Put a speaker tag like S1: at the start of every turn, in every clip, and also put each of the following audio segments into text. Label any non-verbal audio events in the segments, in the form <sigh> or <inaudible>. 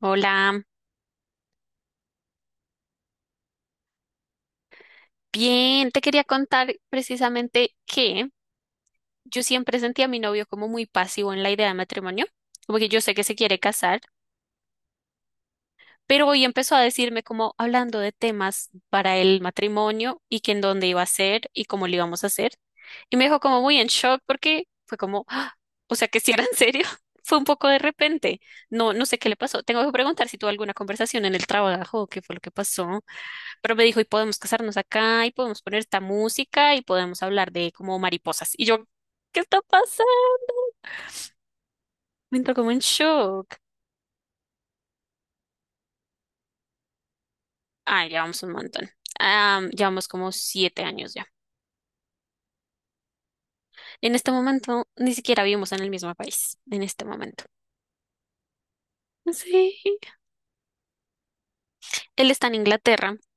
S1: Hola, bien, te quería contar precisamente que yo siempre sentí a mi novio como muy pasivo en la idea de matrimonio, como que yo sé que se quiere casar, pero hoy empezó a decirme como hablando de temas para el matrimonio y que en dónde iba a ser y cómo lo íbamos a hacer. Y me dejó como muy en shock porque fue como, "Ah, o sea, que si era en serio", <laughs> fue un poco de repente. No, no sé qué le pasó. Tengo que preguntar si tuvo alguna conversación en el trabajo, qué fue lo que pasó. Pero me dijo, y podemos casarnos acá, y podemos poner esta música, y podemos hablar de como mariposas. Y yo, ¿qué está pasando? Me entró como en shock. Ah, llevamos un montón. Ah, llevamos como 7 años ya. En este momento, ni siquiera vivimos en el mismo país. En este momento. Sí. Él está en Inglaterra. <laughs>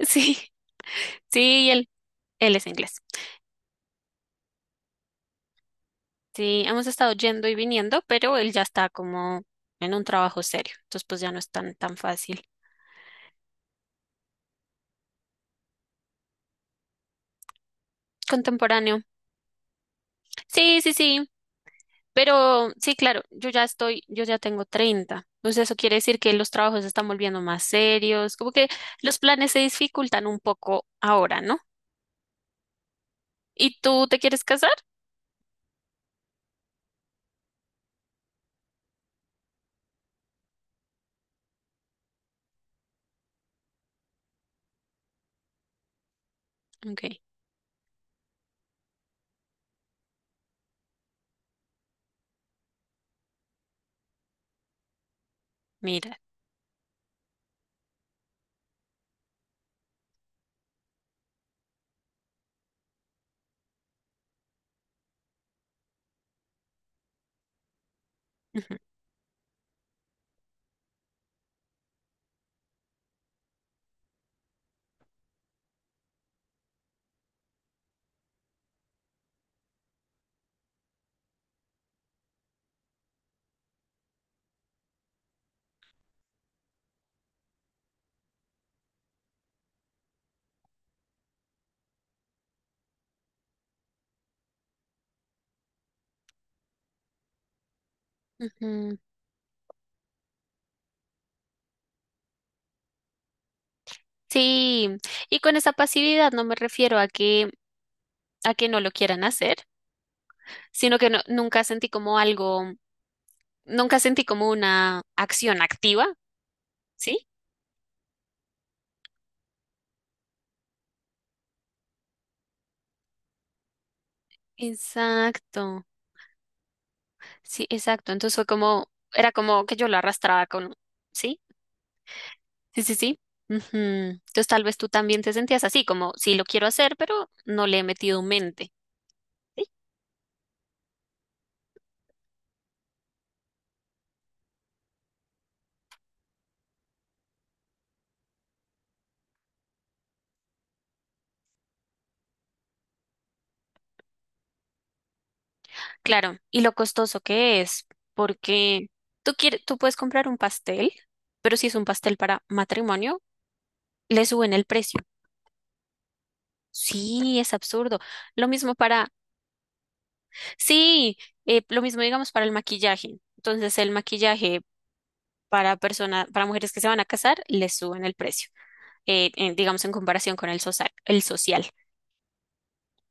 S1: Sí. Sí, él es inglés. Sí, hemos estado yendo y viniendo, pero él ya está como en un trabajo serio. Entonces, pues ya no es tan, tan fácil. Contemporáneo. Sí, sí, sí. Pero sí, claro, yo ya tengo 30. Entonces eso quiere decir que los trabajos se están volviendo más serios, como que los planes se dificultan un poco ahora, ¿no? ¿Y tú te quieres casar? Ok, mira. Ujú, ujú. Sí, y con esa pasividad no me refiero a que no lo quieran hacer, sino que nunca sentí como algo, nunca sentí como una acción activa, ¿sí? Exacto. Sí, exacto. Entonces fue como, era como que yo lo arrastraba con, ¿sí? Sí, sí, sí. Ujú. Entonces tal vez tú también te sentías así, como sí lo quiero hacer, pero no le he metido mente. Sí, claro, y lo costoso que es, porque tú quieres, tú puedes comprar un pastel, pero si es un pastel para matrimonio, le suben el precio. Sí, es absurdo. Lo mismo para, sí, lo mismo digamos para el maquillaje. Entonces el maquillaje para personas, para mujeres que se van a casar, les suben el precio, digamos en comparación con el social, el social.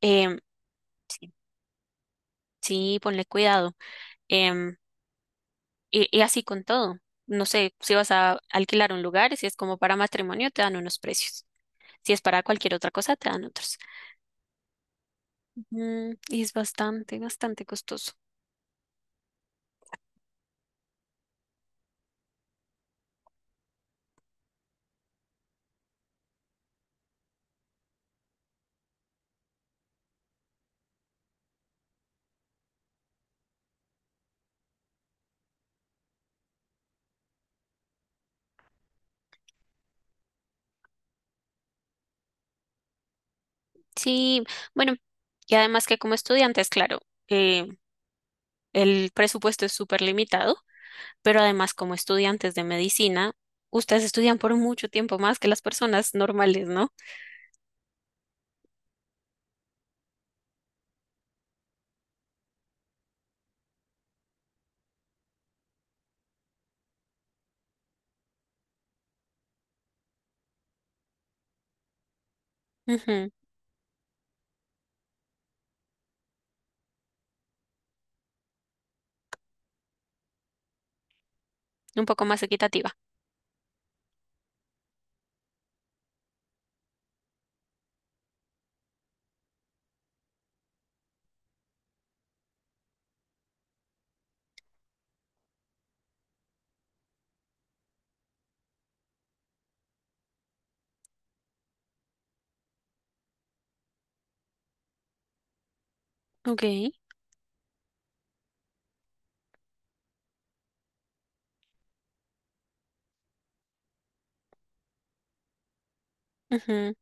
S1: Em, sí, ponle cuidado. Em, y así con todo. No sé, si vas a alquilar un lugar, si es como para matrimonio, te dan unos precios. Si es para cualquier otra cosa, te dan otros. Y es bastante, bastante costoso. Sí, bueno, y además que como estudiantes, claro, eh, el presupuesto es súper limitado. Pero además como estudiantes de medicina, ustedes estudian por mucho tiempo más que las personas normales, ¿no? Ujú, un poco más equitativa. Ok. Ujú.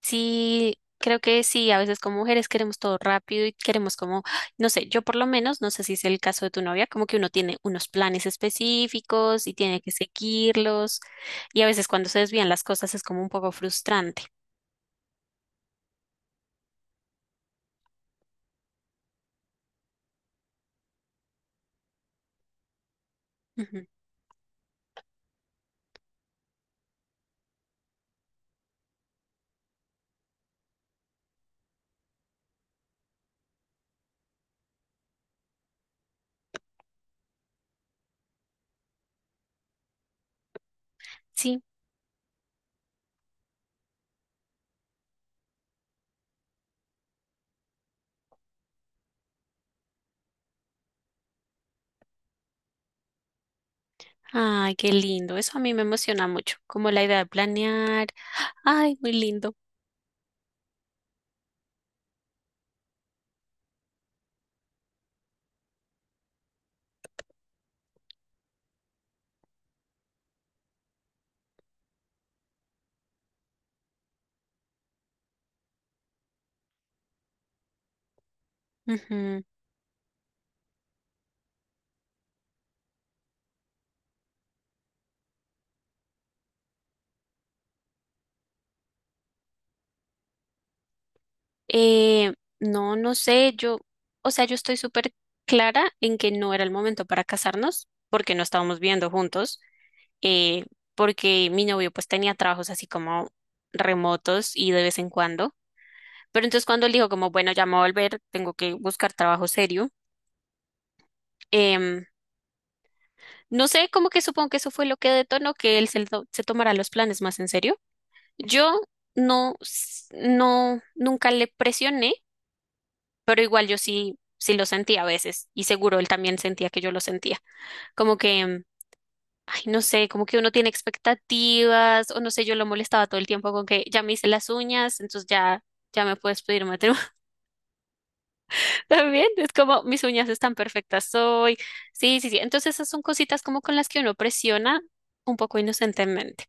S1: Sí, creo que sí, a veces como mujeres queremos todo rápido y queremos como, no sé, yo por lo menos, no sé si es el caso de tu novia, como que uno tiene unos planes específicos y tiene que seguirlos y a veces cuando se desvían las cosas es como un poco frustrante. Ujú. Sí. Ay, qué lindo. Eso a mí me emociona mucho, como la idea de planear. Ay, muy lindo. Ujú. Eh, no, no sé, o sea, yo estoy súper clara en que no era el momento para casarnos, porque no estábamos viviendo juntos, eh, porque mi novio pues tenía trabajos así como remotos y de vez en cuando. Pero entonces cuando él dijo como, bueno, ya me voy a volver, tengo que buscar trabajo serio. em, no sé, como que supongo que eso fue lo que detonó que él se tomara los planes más en serio. Yo no, no, nunca le presioné, pero igual yo sí, sí lo sentía a veces y seguro él también sentía que yo lo sentía. Como que, ay, no sé, como que uno tiene expectativas o no sé, yo lo molestaba todo el tiempo con que ya me hice las uñas, entonces ya, ya me puedes pedir matrimonio <laughs> también. Es como mis uñas están perfectas hoy. Sí, sí, sí. Entonces esas son cositas como con las que uno presiona un poco inocentemente.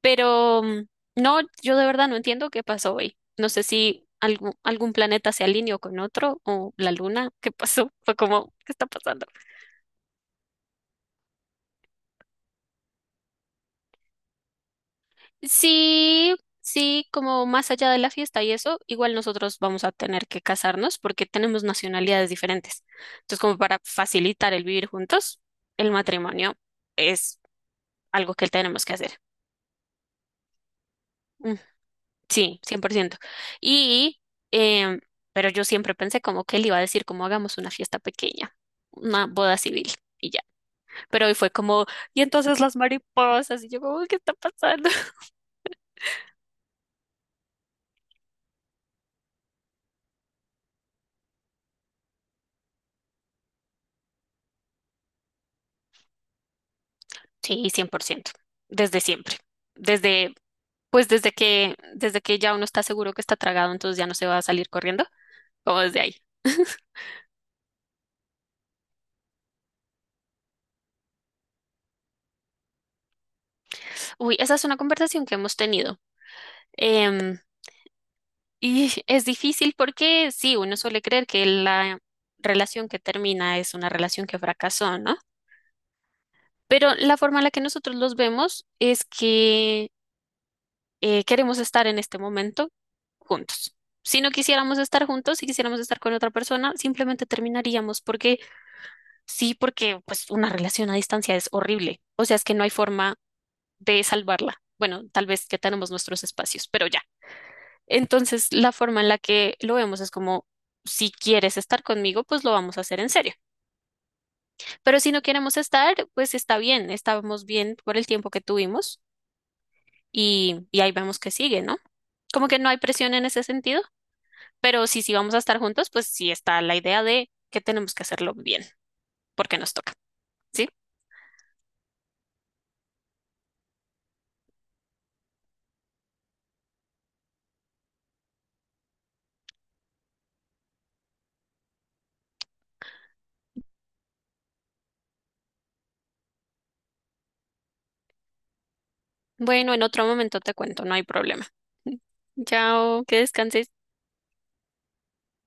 S1: Pero no, yo de verdad no entiendo qué pasó hoy. No sé si algún planeta se alineó con otro o la luna. <laughs> ¿Qué pasó? Fue como, ¿qué está pasando? Sí, sí, como más allá de la fiesta y eso, igual nosotros vamos a tener que casarnos porque tenemos nacionalidades diferentes. Entonces, como para facilitar el vivir juntos, el matrimonio es algo que tenemos que hacer. Sí, 100%. Y, em, pero yo siempre pensé como que él iba a decir como hagamos una fiesta pequeña, una boda civil y ya. Pero hoy fue como, y entonces las mariposas, y yo como, ¿qué está pasando? <laughs> Sí, 100%. Desde siempre. Desde, desde que ya uno está seguro que está tragado, entonces ya no se va a salir corriendo, como desde ahí. <laughs> Uy, esa es una conversación que hemos tenido. Em, Y es difícil porque sí, uno suele creer que la relación que termina es una relación que fracasó, ¿no? Pero la forma en la que nosotros los vemos es que queremos estar en este momento juntos. Si no quisiéramos estar juntos, si quisiéramos estar con otra persona, simplemente terminaríamos porque sí, porque pues una relación a distancia es horrible. O sea, es que no hay forma de salvarla. Bueno, tal vez que tenemos nuestros espacios, pero ya. Entonces, la forma en la que lo vemos es como, si quieres estar conmigo, pues lo vamos a hacer en serio. Pero si no queremos estar, pues está bien, estábamos bien por el tiempo que tuvimos y ahí vemos que sigue, ¿no? Como que no hay presión en ese sentido, pero si sí si vamos a estar juntos, pues sí está la idea de que tenemos que hacerlo bien, porque nos toca, ¿sí? Bueno, en otro momento te cuento, no hay problema. <laughs> Chao, que descanses.